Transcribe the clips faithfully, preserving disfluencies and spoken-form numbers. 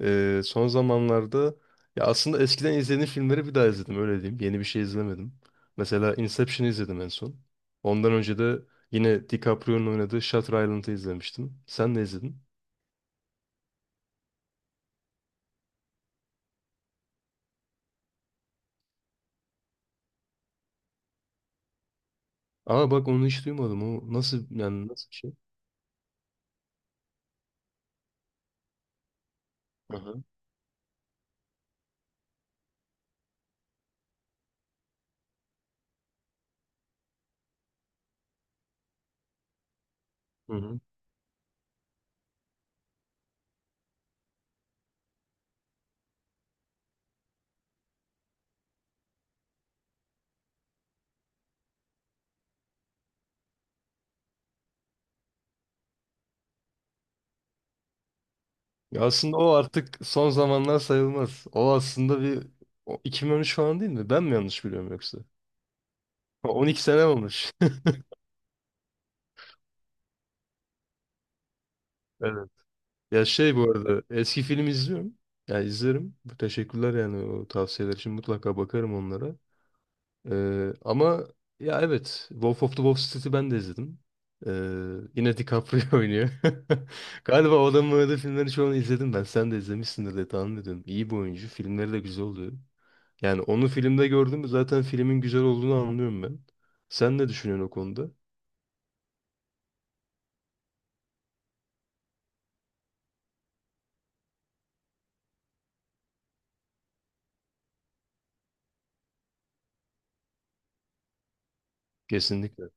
Ee, son zamanlarda, ya aslında, eskiden izlediğim filmleri bir daha izledim, öyle diyeyim. Yeni bir şey izlemedim. Mesela Inception'ı izledim en son. Ondan önce de yine DiCaprio'nun oynadığı Shutter Island'ı izlemiştim. Sen ne izledin? Aa, bak onu hiç duymadım. O nasıl, yani nasıl bir şey? Hı hı. Hı. Ya aslında o artık son zamanlar sayılmaz. O aslında bir, o iki bin on üç falan değil mi? Ben mi yanlış biliyorum yoksa? on iki sene olmuş. Ya şey, bu arada eski film izliyorum. Ya izlerim. Bu teşekkürler yani, o tavsiyeler için mutlaka bakarım onlara. Ee, ama ya evet, Wolf of the Wall Street'i ben de izledim. Ee, yine DiCaprio oynuyor. Galiba o adamın oynadığı filmleri çoğunu izledim ben. Sen de izlemişsindir diye tahmin ediyorum. İyi bir oyuncu. Filmleri de güzel oluyor. Yani onu filmde gördüm mü zaten filmin güzel olduğunu anlıyorum ben. Sen ne düşünüyorsun o konuda? Kesinlikle.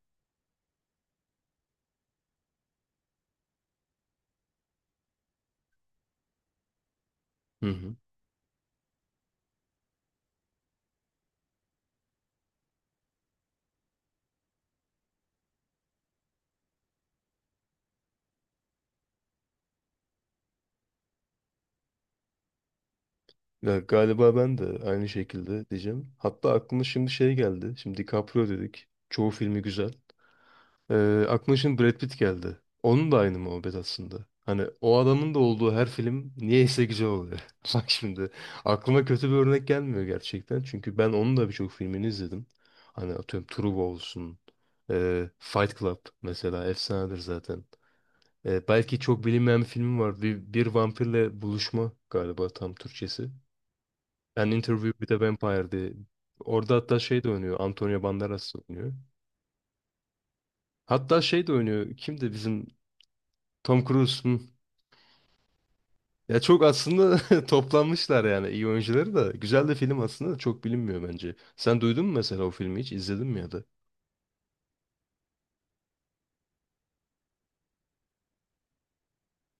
Hı hı. Ya galiba ben de aynı şekilde diyeceğim. Hatta aklıma şimdi şey geldi. Şimdi DiCaprio dedik. Çoğu filmi güzel. Ee, aklıma şimdi Brad Pitt geldi. Onun da aynı muhabbet aslında. Hani o adamın da olduğu her film niyeyse güzel oluyor. Bak şimdi aklıma kötü bir örnek gelmiyor gerçekten. Çünkü ben onun da birçok filmini izledim. Hani atıyorum True olsun. e, Fight Club mesela efsanedir zaten. E, belki çok bilinmeyen bir filmi var. Bir, bir vampirle buluşma galiba tam Türkçesi. An Interview with a Vampire diye. Orada hatta şey de oynuyor. Antonio Banderas da oynuyor. Hatta şey de oynuyor. Kimdi bizim Tom Cruise? Hı. Ya çok aslında toplanmışlar yani, iyi oyuncuları da. Güzel de film aslında, da çok bilinmiyor bence. Sen duydun mu mesela o filmi hiç? İzledin mi ya da?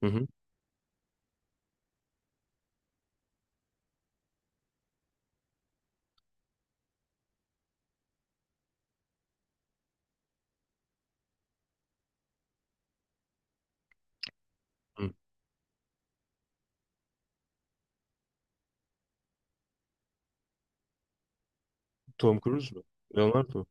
Hı hı. Hı. Tom Cruise mu? Leonardo.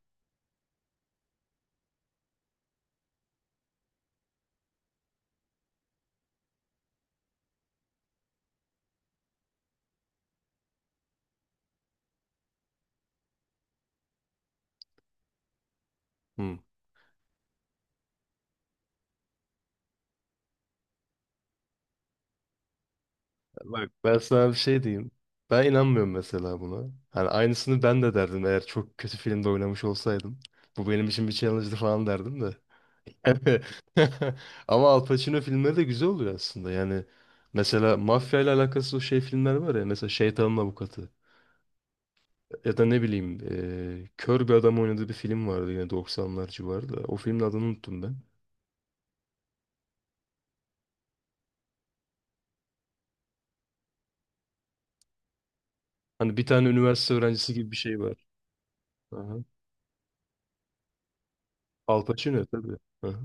Hı. Bak ben sana bir şey diyeyim. Ben inanmıyorum mesela buna. Hani aynısını ben de derdim eğer çok kötü filmde oynamış olsaydım. Bu benim için bir challenge'dı falan derdim de. Evet. Ama Al Pacino filmleri de güzel oluyor aslında. Yani mesela mafya ile alakası o şey filmler var ya. Mesela Şeytanın Avukatı. Ya da ne bileyim eee, kör bir adam oynadığı bir film vardı yine doksanlar civarında. O filmin adını unuttum ben. Hani bir tane üniversite öğrencisi gibi bir şey var. Aha. Al Pacino tabii. Aha.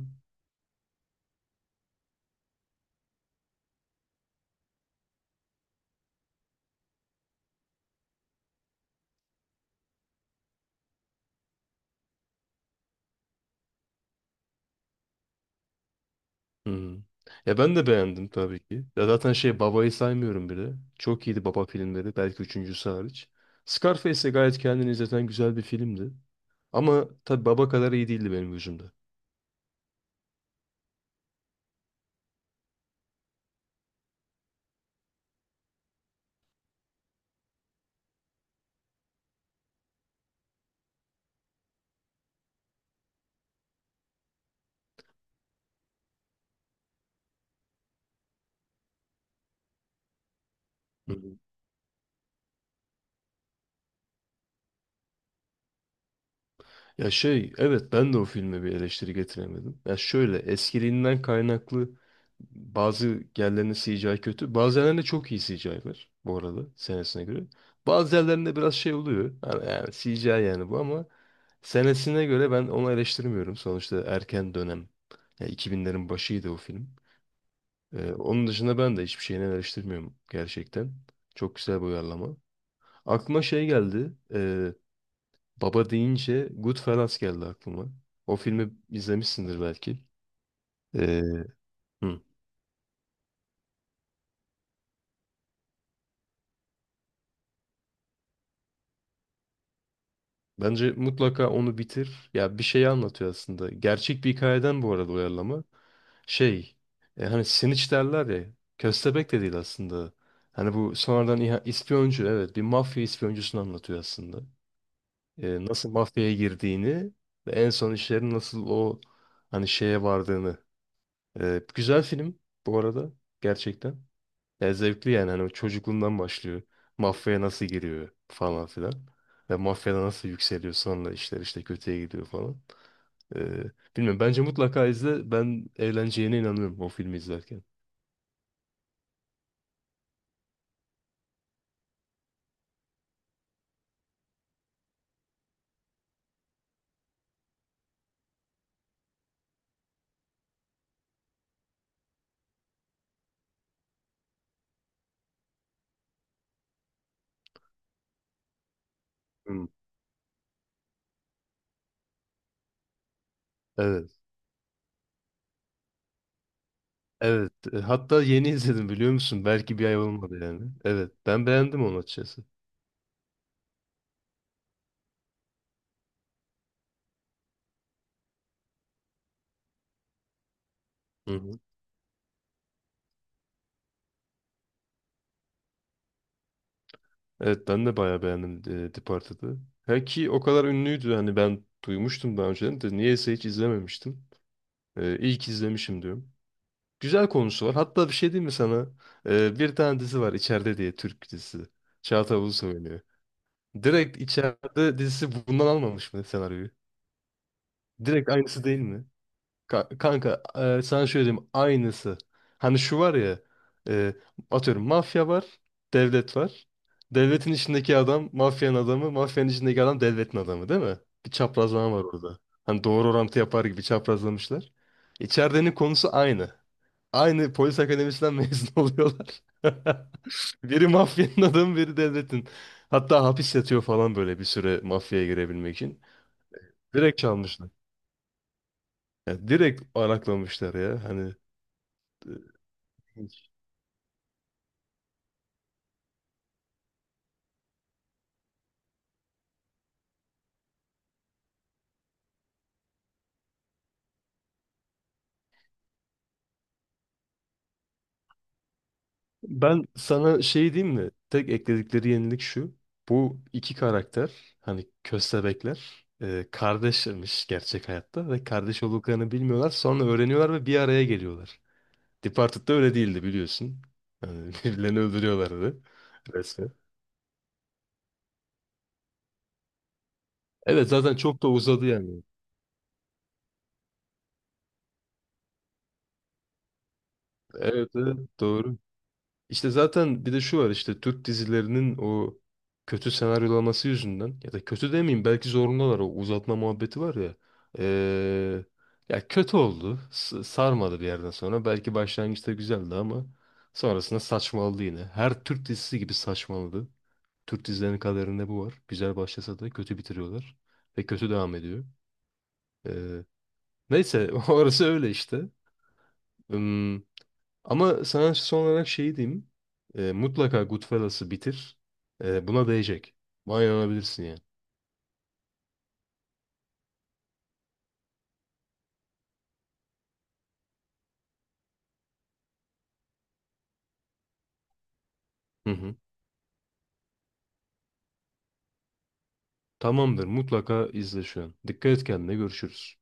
Hmm. Ya ben de beğendim tabii ki. Ya zaten şey, Baba'yı saymıyorum bile. Çok iyiydi Baba filmleri. Belki üçüncüsü hariç. Scarface de gayet kendini izleten güzel bir filmdi. Ama tabii Baba kadar iyi değildi benim gözümde. Hı. Ya şey evet, ben de o filme bir eleştiri getiremedim. Ya şöyle, eskiliğinden kaynaklı bazı yerlerinde C G I kötü. Bazı yerlerinde çok iyi C G I var bu arada senesine göre. Bazı yerlerinde biraz şey oluyor. Yani, yani C G I yani bu, ama senesine göre ben onu eleştirmiyorum. Sonuçta erken dönem. Ya iki binlerin başıydı o film. Ee, onun dışında ben de hiçbir şeyini eleştirmiyorum gerçekten. Çok güzel bir uyarlama. Aklıma şey geldi. ee, Baba deyince Goodfellas geldi aklıma. O filmi izlemişsindir belki. Ee, hı. Bence mutlaka onu bitir. Ya bir şeyi anlatıyor aslında. Gerçek bir hikayeden bu arada uyarlama. Şey, e, hani Snitch derler ya. Köstebek de değil aslında. Hani bu sonradan iha- ispiyoncu, evet, bir mafya ispiyoncusunu anlatıyor aslında. E, nasıl mafyaya girdiğini ve en son işlerin nasıl o, hani şeye vardığını. E, güzel film bu arada, gerçekten. Ya zevkli yani, hani çocukluğundan başlıyor. Mafyaya nasıl giriyor falan filan. Ve mafyada nasıl yükseliyor, sonra işler işte kötüye gidiyor falan. Ee, bilmiyorum, bence mutlaka izle. Ben eğleneceğine inanıyorum o filmi izlerken. Hmm. Evet. Evet. E, hatta yeni izledim biliyor musun? Belki bir ay olmadı yani. Evet. Ben beğendim onu açıkçası. Hı hı. Evet ben de bayağı beğendim e, Departed'ı. Ha ki o kadar ünlüydü hani, ben duymuştum daha önceden de niyeyse hiç izlememiştim. E, ilk izlemişim diyorum. Güzel konusu var. Hatta bir şey diyeyim mi sana? Ee, bir tane dizi var içeride diye, Türk dizisi. Çağatay Ulusoy oynuyor. Direkt içeride dizisi bundan almamış mı senaryoyu? Direkt aynısı değil mi? Ka- kanka, e, sana şöyle diyeyim, aynısı. Hani şu var ya, e, atıyorum mafya var, devlet var. Devletin içindeki adam mafyanın adamı, mafyanın içindeki adam devletin adamı, değil mi? Bir çaprazlama var orada. Hani doğru orantı yapar gibi çaprazlamışlar. İçeridenin konusu aynı. Aynı polis akademisinden mezun oluyorlar. Biri mafyanın adamı, biri devletin. Hatta hapis yatıyor falan böyle bir süre mafyaya girebilmek için. Direkt çalmışlar. Ya direkt araklamışlar ya. Hani e, ben sana şey diyeyim mi? Tek ekledikleri yenilik şu. Bu iki karakter, hani köstebekler, e, kardeşmiş gerçek hayatta ve kardeş olduklarını bilmiyorlar. Sonra öğreniyorlar ve bir araya geliyorlar. Departed'da öyle değildi biliyorsun. Hani birbirlerini öldürüyorlardı. Evet, zaten çok da uzadı yani. Evet, evet, doğru. İşte zaten bir de şu var, işte Türk dizilerinin o kötü senaryolaması yüzünden, ya da kötü demeyeyim, belki zorundalar, o uzatma muhabbeti var ya. Ee, ya kötü oldu. S- sarmadı bir yerden sonra. Belki başlangıçta güzeldi ama sonrasında saçmaladı yine. Her Türk dizisi gibi saçmaladı. Türk dizilerinin kaderinde bu var. Güzel başlasa da kötü bitiriyorlar ve kötü devam ediyor. Ee, neyse, orası öyle işte. Hmm. Ama sana son olarak şeyi diyeyim. E, mutlaka Goodfellas'ı bitir. E, buna değecek. Buna inanabilirsin yani. Hı hı. Tamamdır. Mutlaka izle şu an. Dikkat et kendine. Görüşürüz.